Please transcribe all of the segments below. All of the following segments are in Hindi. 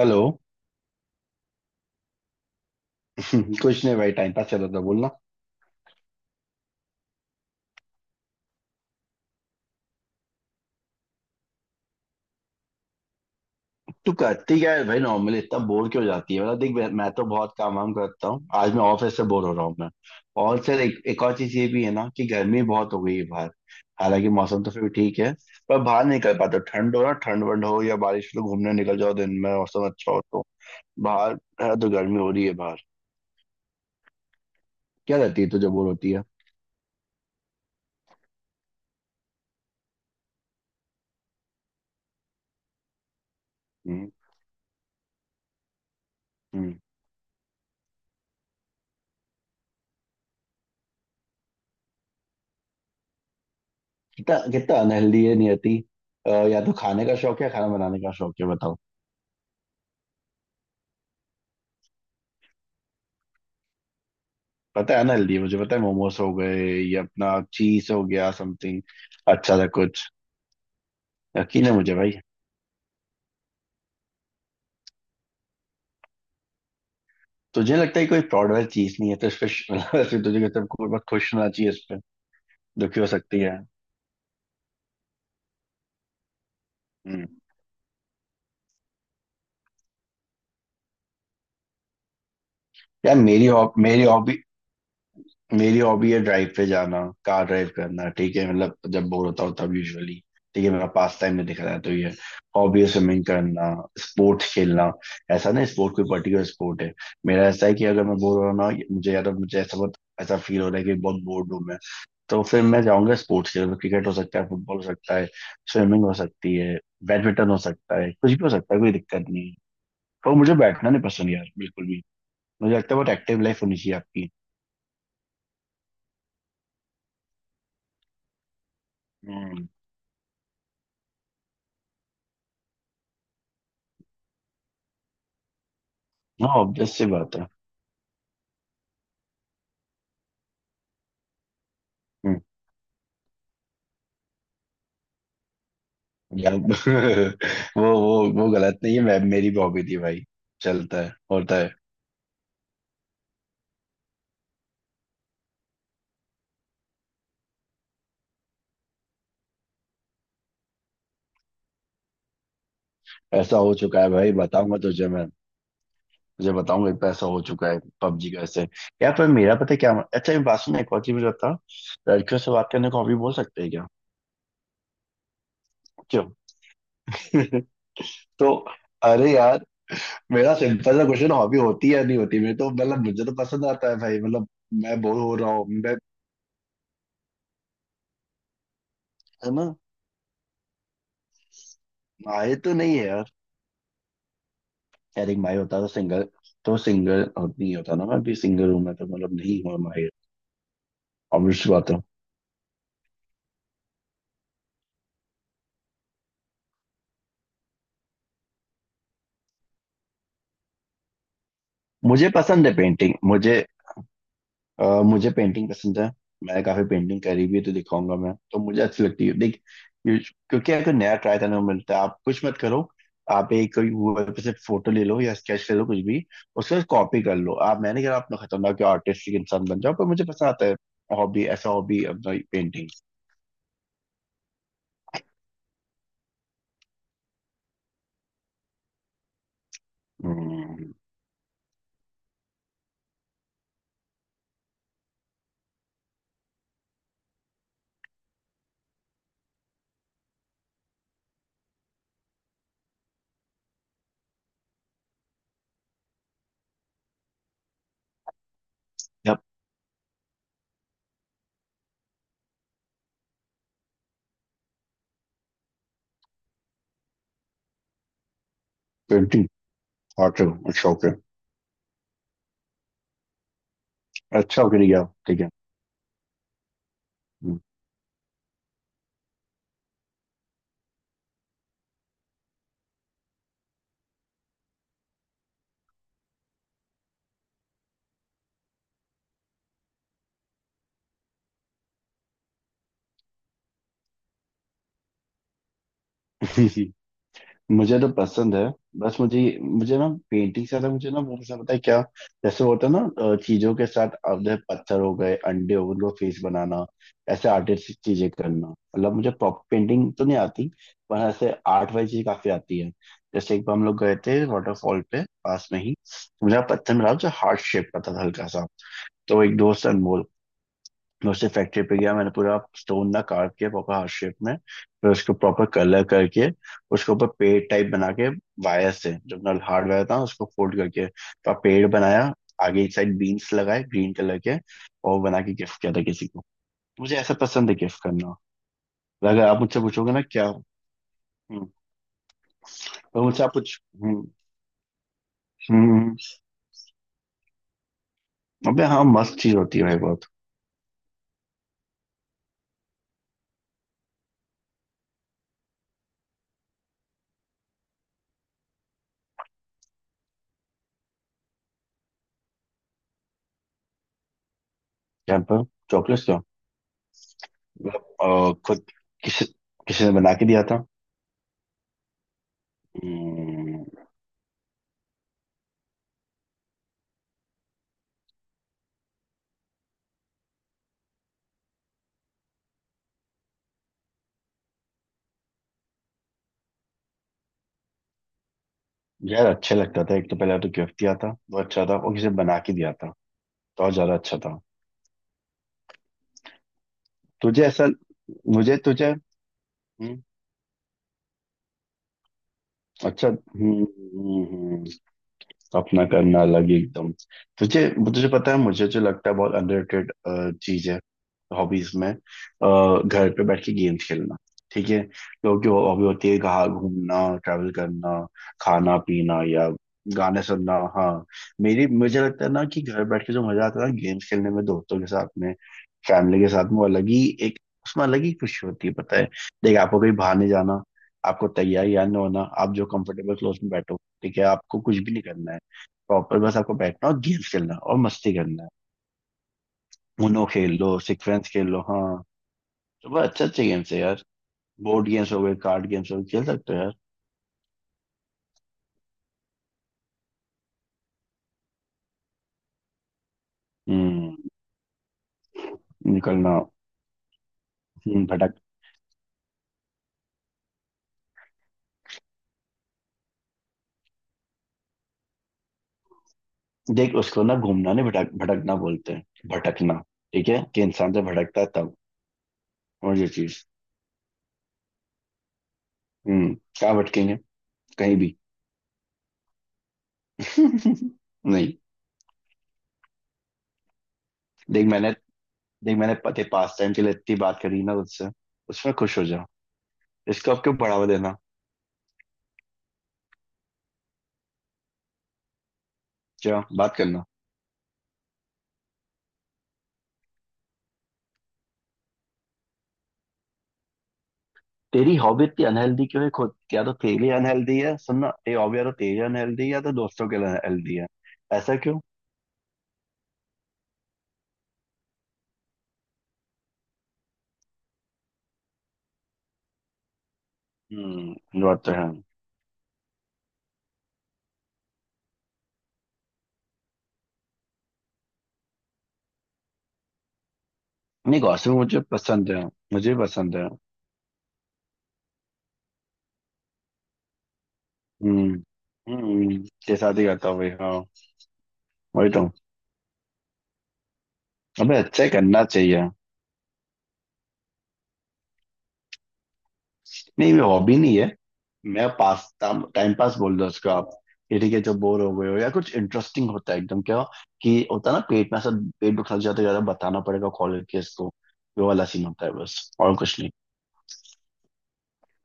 हेलो। कुछ नहीं भाई, टाइम पास चल रहा था बोलना। तू करती क्या है भाई नॉर्मली? इतना बोर क्यों हो जाती है? मतलब देख, मैं तो बहुत काम वाम करता हूँ। आज मैं ऑफिस से बोर हो रहा हूँ मैं। और सर एक और चीज ये भी है ना कि गर्मी बहुत हो गई है बाहर। हालांकि मौसम तो फिर भी ठीक है, पर बाहर नहीं निकल पाता। ठंड हो ना, ठंड वंड हो या बारिश हो तो घूमने निकल जाओ। दिन में मौसम अच्छा हो तो बाहर है। तो गर्मी हो रही है बाहर। क्या रहती है तुझे, बोर होती है? हम्म। हम्म। कितना कितना अनहेल्दी है नियति। या तो खाने का शौक है या खाना बनाने का शौक है, बताओ। पता है अनहेल्दी, मुझे पता है। मोमोस हो गए, ये अपना चीज हो गया समथिंग अच्छा सा कुछ। यकीन है मुझे भाई। तुझे लगता है कोई प्राउड वाली चीज नहीं है तो इस पे मतलब तुझे सब बहुत खुश होना चाहिए इस पे। दुखी हो सकती है। हम्म। यार मेरी हॉबी, मेरी हॉबी है ड्राइव पे जाना। कार ड्राइव करना, ठीक है? मतलब जब बोर होता हूँ तब यूजुअली ठीक है, मेरा पास टाइम में दिख रहा है तो ये हॉबी है, स्विमिंग करना, स्पोर्ट्स खेलना। ऐसा नहीं स्पोर्ट कोई पर्टिकुलर स्पोर्ट है। मेरा ऐसा है कि अगर मैं बोर हो रहा हूँ ना मुझे, या तो मुझे ऐसा बहुत ऐसा फील हो रहा है कि बहुत बोर्ड हूँ मैं, तो फिर मैं जाऊंगा स्पोर्ट्स खेल। क्रिकेट हो सकता है, फुटबॉल हो सकता है, स्विमिंग हो सकती है, बैडमिंटन हो सकता है, कुछ भी हो सकता है, कोई दिक्कत नहीं है। पर मुझे बैठना नहीं पसंद यार बिल्कुल भी। मुझे लगता है बहुत एक्टिव लाइफ होनी चाहिए आपकी। हम्म। हाँ ऑब्वियस सी बात है। हम्म। गलत। वो वो गलत नहीं है, मैं मेरी भी हॉबी थी भाई। चलता है, होता है। ऐसा हो चुका है भाई, बताऊंगा तुझे मैं। तुझे बताऊंगा, एक पैसा हो चुका है पबजी का ऐसे। यार पर मेरा पता है क्या, अच्छा एक बात सुन, एक और चीज मुझे बता। लड़कियों से बात करने को हॉबी बोल सकते हैं क्या? क्यों? तो, अरे यार, मेरा सिंपल सा क्वेश्चन, हॉबी होती है या नहीं होती? मेरे तो मतलब मुझे तो पसंद आता है भाई, मतलब। मैं बोर हो रहा हूँ मैं। है ना? आए तो नहीं है। खैर, एक भाई होता तो सिंगल, तो सिंगल और नहीं होता ना, मैं भी सिंगल हूं मैं तो, मतलब नहीं हुआ माहिर। ऑब्वियस बात है। मुझे पसंद है पेंटिंग मुझे। मुझे पेंटिंग पसंद है। मैंने काफी पेंटिंग करी भी है, तो दिखाऊंगा मैं तो, मुझे अच्छी लगती है। देख ये- क्योंकि अगर नया ट्राई करने को मिलता है, आप कुछ मत करो, आप एक कोई गूगल पे से फोटो ले लो या स्केच ले लो कुछ भी, उसके बाद कॉपी कर लो आप। मैंने कहा आप ना खतरनाक आर्टिस्टिक इंसान बन जाओ, पर मुझे पसंद आता है। हॉबी, ऐसा हॉबी अपना पेंटिंग। हम्म। पेंटिंग। आर्ट, शौक है। अच्छा, ओके, ठीक है, ठीक है। हम्म। मुझे तो पसंद है। बस मुझे मुझे ना पेंटिंग से ज्यादा मुझे ना वो पसंद, पता है क्या? जैसे वो होता है ना, चीजों के साथ, अब जैसे पत्थर हो गए, अंडे हो गए, उनको फेस बनाना, ऐसे आर्टिस्टिक चीजें करना। मतलब मुझे प्रॉपर पेंटिंग तो नहीं आती, पर ऐसे आर्ट वाली चीज काफी आती है। जैसे एक बार हम लोग गए थे वाटरफॉल पे, पास में ही तो मुझे पत्थर मिला जो हार्ट शेप का था हल्का सा। तो एक दोस्त अनमोल, मैं उससे फैक्ट्री पे गया, मैंने पूरा स्टोन ना काट के प्रॉपर हार्ट शेप में, फिर उसको प्रॉपर कलर करके उसके ऊपर पेड़ टाइप बना के, वायर से, जब नल हार्ड वायर था, उसको फोल्ड करके तो पेड़ बनाया। आगे एक साइड बीन्स लगाए ग्रीन कलर के और बना के गिफ्ट किया था किसी को। मुझे ऐसा पसंद है गिफ्ट करना। अगर आप मुझसे पूछोगे ना क्या। हम्म। तो मुझसे आप कुछ। हम्म। हम्म। हम्म। अबे हाँ, मस्त चीज होती है भाई बहुत। क्या पर, चॉकलेट क्यों? मतलब, खुद, किसी किसी ने बना के दिया था। हम्म। यार अच्छा लगता था, एक तो पहला तो गिफ्ट दिया था वो अच्छा था, और किसी ने बना के दिया था तो और ज्यादा अच्छा था। तुझे ऐसा, मुझे तुझे। हम्म। अच्छा। हम्म। हम्म। हम्म। अपना करना अलग ही एकदम। तुझे, तुझे पता है मुझे जो लगता है बहुत अंडररेटेड चीज है हॉबीज में? घर पे बैठ के गेम्स खेलना। ठीक है? लोगों की हॉबी होती है कहाँ घूमना, ट्रैवल करना, खाना पीना या गाने सुनना। हाँ, मेरी मुझे लगता है ना कि घर बैठ के जो मजा आता है ना गेम्स खेलने में, दोस्तों के साथ में, फैमिली के साथ में, वो अलग ही एक, उसमें अलग ही खुशी होती है, पता है? देख, आपको कहीं बाहर नहीं जाना, आपको तैयार या ना होना, आप जो कंफर्टेबल क्लोज में बैठो, ठीक है, आपको कुछ भी नहीं करना है प्रॉपर, बस आपको बैठना और गेम्स खेलना और मस्ती करना है। उनो खेल लो, सिक्वेंस खेल लो, हाँ, तो बड़ा अच्छे अच्छे गेम्स है यार। बोर्ड गेम्स हो गए, कार्ड गेम्स हो गए, खेल सकते हो यार। हम्म। निकलना। भटक। देख उसको ना घूमना नहीं, भटक, भटकना बोलते हैं, भटकना, ठीक है, कि इंसान से भटकता है तब। और ये चीज। हम्म, क्या भटकेंगे? कहीं भी। नहीं। देख मैंने, देख मैंने पते पास टाइम के लिए इतनी बात करी ना उससे, उसमें खुश हो जाओ, इसको अब क्यों बढ़ावा देना? क्या बात करना। तेरी हॉबी इतनी अनहेल्दी क्यों है खुद, या तो तेरे लिए अनहेल्दी है सुनना ये हॉबी, या तो तेरे लिए अनहेल्दी है या तो दोस्तों के लिए अनहेल्दी है। ऐसा क्यों? हम्म, बात तो है। नहीं गॉसिप मुझे पसंद है, मुझे भी पसंद है। हम्म। के साथ ही करता हूँ भाई, हाँ। वही तो। हमें अच्छा ही करना चाहिए। नहीं ये हॉबी नहीं है, मैं पास टाइम पास बोल दो उसको आप, कि ठीक है जब बोर हो गए हो या कुछ इंटरेस्टिंग होता है एकदम, क्या, कि होता है ना पेट में ऐसा, पेट दुखा जाता है ज्यादा, बताना पड़ेगा कॉल करके इसको, वो वाला सीन होता है, बस और कुछ नहीं।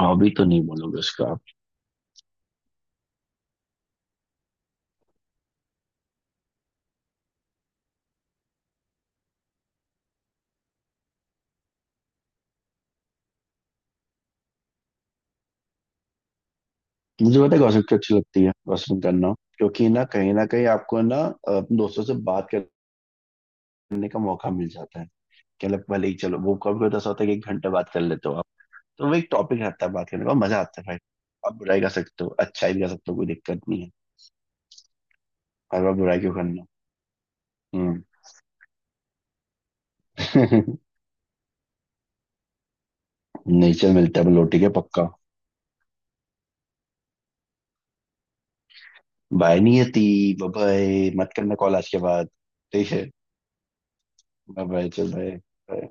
हॉबी तो नहीं बोलोगे उसका आप। मुझे पता है गॉसिप क्यों अच्छी लगती है, गॉसिपिंग करना, क्योंकि ना कहीं आपको ना अपने दोस्तों से बात करने का मौका मिल जाता है। क्या लग, भले ही चलो वो कभी कभी तो ऐसा होता है कि एक घंटे बात कर लेते हो, तो वो एक टॉपिक रहता है बात करने का, मजा आता है भाई। आप बुराई कर सकते हो, अच्छाई भी कर सकते हो, कोई दिक्कत नहीं है। हर बार बुराई क्यों करना? हम्म। नेचर मिलता है लोटी के, पक्का। बाय नियति। बाय मत करना कॉल आज के बाद। ठीक है। बाय बाय, चल बाय।